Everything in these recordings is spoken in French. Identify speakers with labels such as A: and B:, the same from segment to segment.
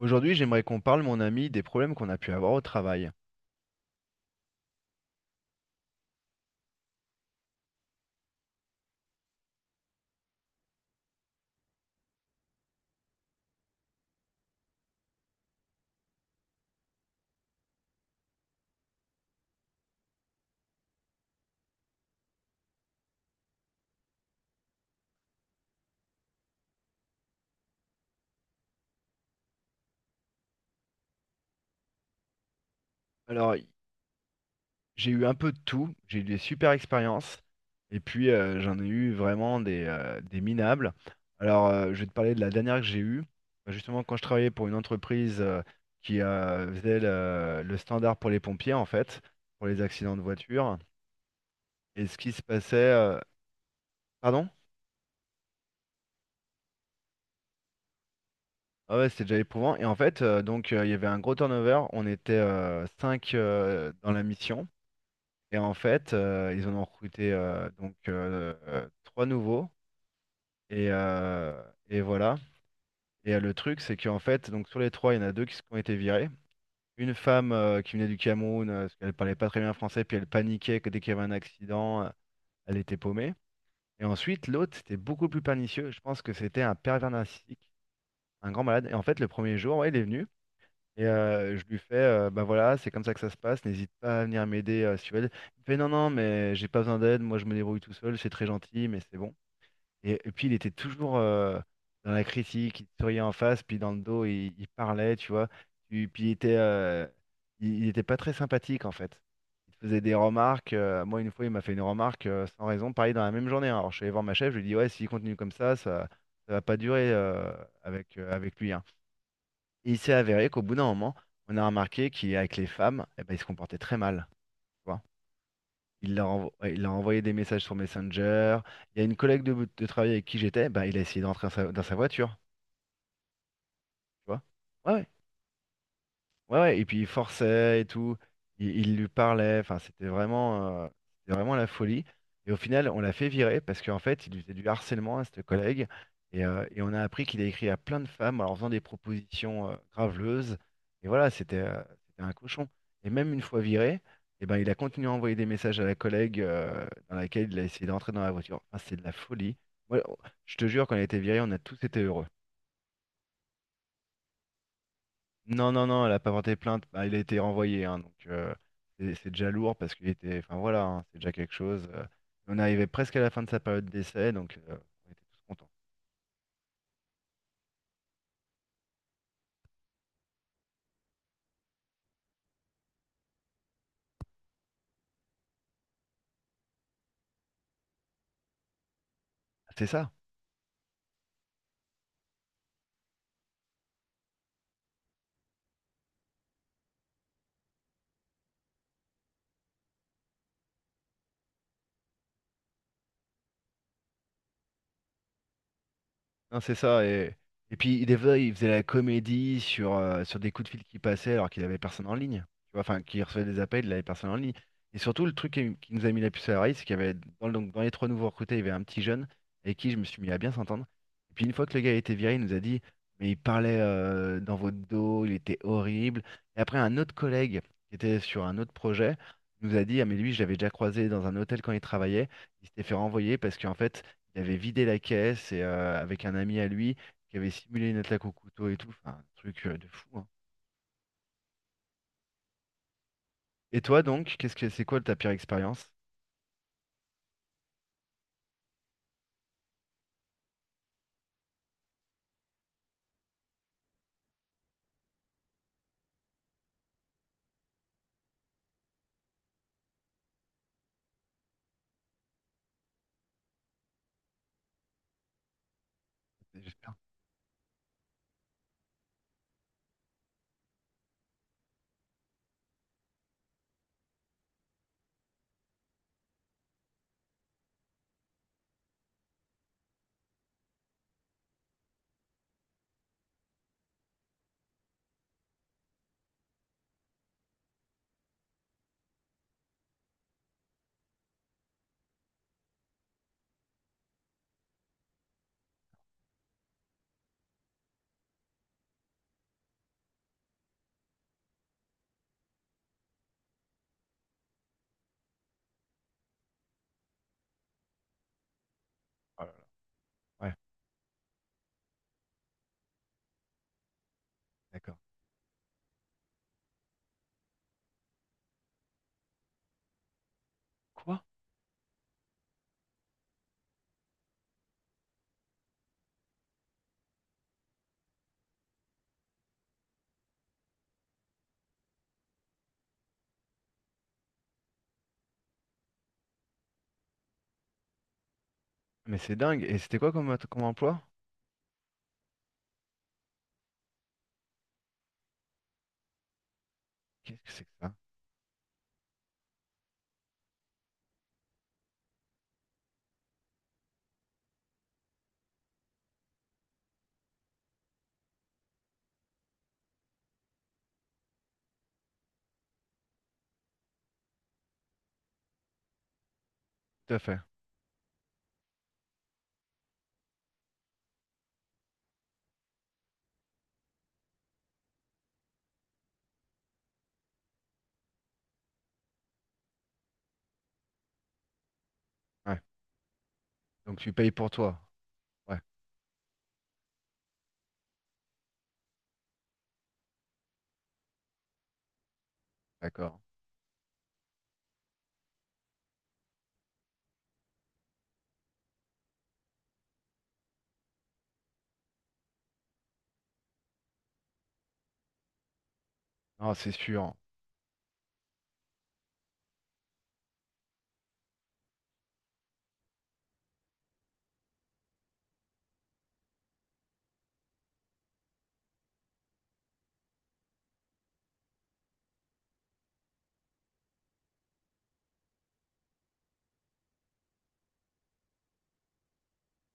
A: Aujourd'hui, j'aimerais qu'on parle, mon ami, des problèmes qu'on a pu avoir au travail. Alors, j'ai eu un peu de tout, j'ai eu des super expériences, et puis j'en ai eu vraiment des minables. Alors, je vais te parler de la dernière que j'ai eue. Bah, justement, quand je travaillais pour une entreprise qui faisait le standard pour les pompiers, en fait, pour les accidents de voiture, et ce qui se passait. Pardon? Ah ouais, c'était déjà éprouvant. Et en fait, il y avait un gros turnover, on était 5 dans la mission. Et en fait, ils en ont recruté trois nouveaux. Et, euh, et voilà. Et le truc, c'est qu'en fait, donc sur les trois, il y en a deux qui ont été virés. Une femme qui venait du Cameroun, parce qu'elle parlait pas très bien français, puis elle paniquait que dès qu'il y avait un accident, elle était paumée. Et ensuite, l'autre, c'était beaucoup plus pernicieux. Je pense que c'était un pervers narcissique, un grand malade. Et en fait, le premier jour, ouais, il est venu. Et je lui fais, ben voilà, c'est comme ça que ça se passe, n'hésite pas à venir m'aider si tu veux. Il me fait, non, non, mais j'ai pas besoin d'aide, moi je me débrouille tout seul, c'est très gentil, mais c'est bon. Et puis il était toujours dans la critique, il te souriait en face, puis dans le dos, il parlait, tu vois. Puis il était, euh, il était pas très sympathique en fait. Il te faisait des remarques. Euh, moi, une fois, il m'a fait une remarque sans raison, pareil dans la même journée, hein. Alors je suis allé voir ma chef, je lui ai dit, ouais, s'il continue comme ça, ça va pas durer avec lui, hein. Et il s'est avéré qu'au bout d'un moment, on a remarqué qu'avec les femmes, eh ben, il se comportait très mal, tu vois. Ouais, il leur envoyait des messages sur Messenger. Il y a une collègue de travail avec qui j'étais, bah, il a essayé d'entrer dans dans sa voiture. Tu vois. Ouais, ouais. Ouais, ouais, et puis il forçait et tout, il lui parlait, enfin c'était vraiment la folie. Et au final, on l'a fait virer parce qu'en fait, il lui faisait du harcèlement à cette collègue. Et on a appris qu'il a écrit à plein de femmes en leur faisant des propositions graveleuses. Et voilà, c'était c'était un cochon. Et même une fois viré, eh ben, il a continué à envoyer des messages à la collègue dans laquelle il a essayé d'entrer dans la voiture. Enfin, c'est de la folie. Moi, je te jure, quand il a été viré, on a tous été heureux. Non, non, non, elle a pas porté plainte. Bah, il a été renvoyé, hein, donc c'est déjà lourd parce qu'il était. Enfin voilà, hein, c'est déjà quelque chose, euh, on arrivait presque à la fin de sa période d'essai, donc on était tous contents. C'est ça? Non, c'est ça. Et puis, des fois, il faisait la comédie sur, sur des coups de fil qui passaient alors qu'il avait personne en ligne. Tu vois, enfin, qui recevait des appels, il avait personne en ligne. Et surtout, le truc qui nous a mis la puce à l'oreille, c'est qu'il y avait, dans les trois nouveaux recrutés, il y avait un petit jeune avec qui je me suis mis à bien s'entendre. Et puis, une fois que le gars a été viré, il nous a dit, mais il parlait dans votre dos, il était horrible. Et après, un autre collègue qui était sur un autre projet nous a dit, ah, mais lui, je l'avais déjà croisé dans un hôtel quand il travaillait. Il s'était fait renvoyer parce qu'en fait, il avait vidé la caisse et avec un ami à lui qui avait simulé une attaque au couteau et tout. Enfin, un truc de fou, hein. Et toi donc, qu'est-ce que c'est, quoi ta pire expérience? J'espère. Oh là là. Ouais, d'accord. Quoi? Mais c'est dingue. Et c'était quoi comme, comme emploi? Qu'est-ce que c'est que ça? Tout à fait. Ouais. Donc tu payes pour toi. Ouais, d'accord. Non, c'est sûr.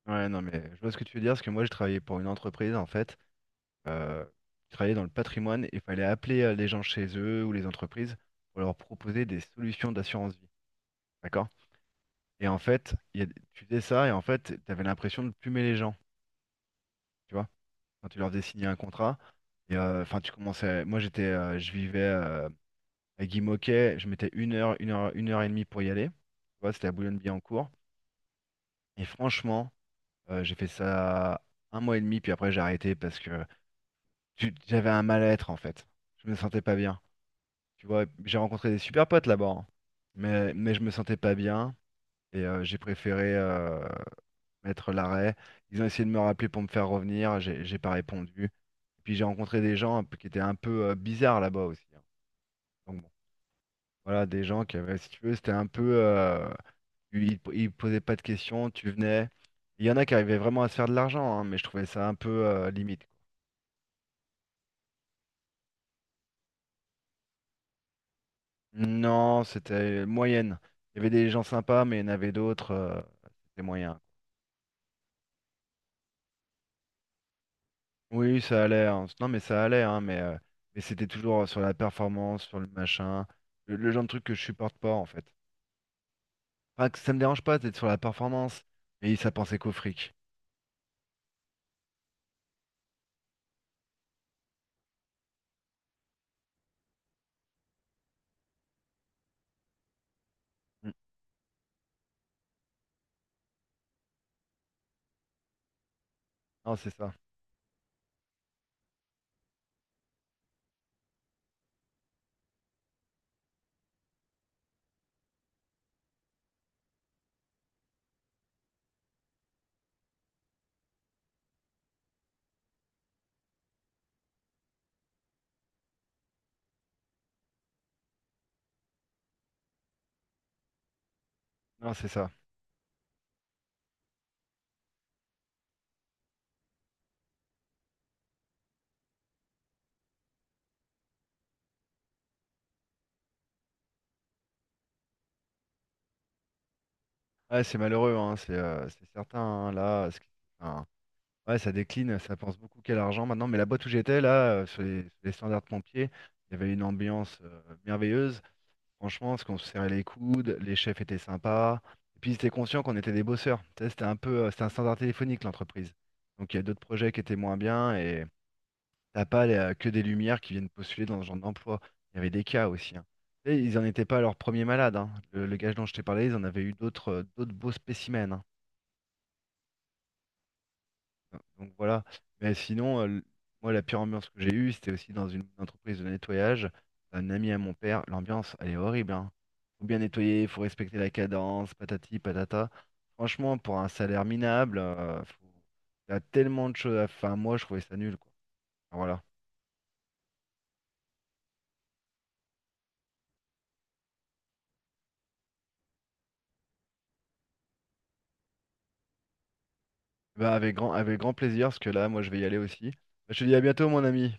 A: Ouais, non, mais je vois ce que tu veux dire, parce que moi, je travaillais pour une entreprise, en fait. Euh, je travaillais dans le patrimoine et il fallait appeler les gens chez eux ou les entreprises pour leur proposer des solutions d'assurance vie. D'accord? Et en fait, tu faisais ça et en fait, tu avais l'impression de plumer les gens, tu vois, quand tu leur faisais signer un contrat. Et enfin, tu commençais. Moi, j'étais, je vivais à Guimauquet, je mettais une heure, une heure et demie pour y aller. Tu vois, c'était à Boulogne-Billancourt. Et franchement, j'ai fait ça un mois et demi, puis après, j'ai arrêté parce que j'avais un mal-être en fait. Je me sentais pas bien. Tu vois, j'ai rencontré des super potes là-bas, hein. Mais je me sentais pas bien et j'ai préféré, mettre l'arrêt. Ils ont essayé de me rappeler pour me faire revenir, j'ai pas répondu. Puis j'ai rencontré des gens qui étaient un peu bizarres là-bas aussi, hein. Donc bon, voilà, des gens qui avaient, si tu veux, c'était un peu, euh, ils posaient pas de questions, tu venais. Il y en a qui arrivaient vraiment à se faire de l'argent, hein, mais je trouvais ça un peu limite, quoi. Non, c'était moyenne. Il y avait des gens sympas, mais il y en avait d'autres, c'était moyen. Oui, ça allait, hein. Non, mais ça allait, hein, mais c'était toujours sur la performance, sur le machin, le genre de truc que je supporte pas en fait. Enfin, que ça me dérange pas d'être sur la performance, mais ça pensait qu'au fric. Mm. Non, c'est ça. Non, c'est ça. Ouais, c'est malheureux, hein. C'est certain, hein, là. Enfin, ouais, ça décline, ça pense beaucoup qu'à l'argent maintenant. Mais la boîte où j'étais, là, sur les standards pompiers, il y avait une ambiance merveilleuse. Franchement, parce qu'on se serrait les coudes, les chefs étaient sympas. Et puis, ils étaient conscients qu'on était des bosseurs. Tu sais, c'était un peu, c'était un standard téléphonique, l'entreprise. Donc, il y a d'autres projets qui étaient moins bien. Et t'as pas que des lumières qui viennent postuler dans ce genre d'emploi. Il y avait des cas aussi, hein. Et ils n'en étaient pas à leur premier malade, hein. Le gage dont je t'ai parlé, ils en avaient eu d'autres d'autres beaux spécimens, hein. Donc voilà. Mais sinon, moi, la pire ambiance que j'ai eue, c'était aussi dans une entreprise de nettoyage. Un ami à mon père, l'ambiance, elle est horrible, hein. Faut bien nettoyer, faut respecter la cadence, patati, patata. Franchement, pour un salaire minable, il y a tellement de choses à faire. Moi, je trouvais ça nul, quoi. Enfin, voilà. Bah avec grand plaisir, parce que là, moi, je vais y aller aussi. Je te dis à bientôt, mon ami.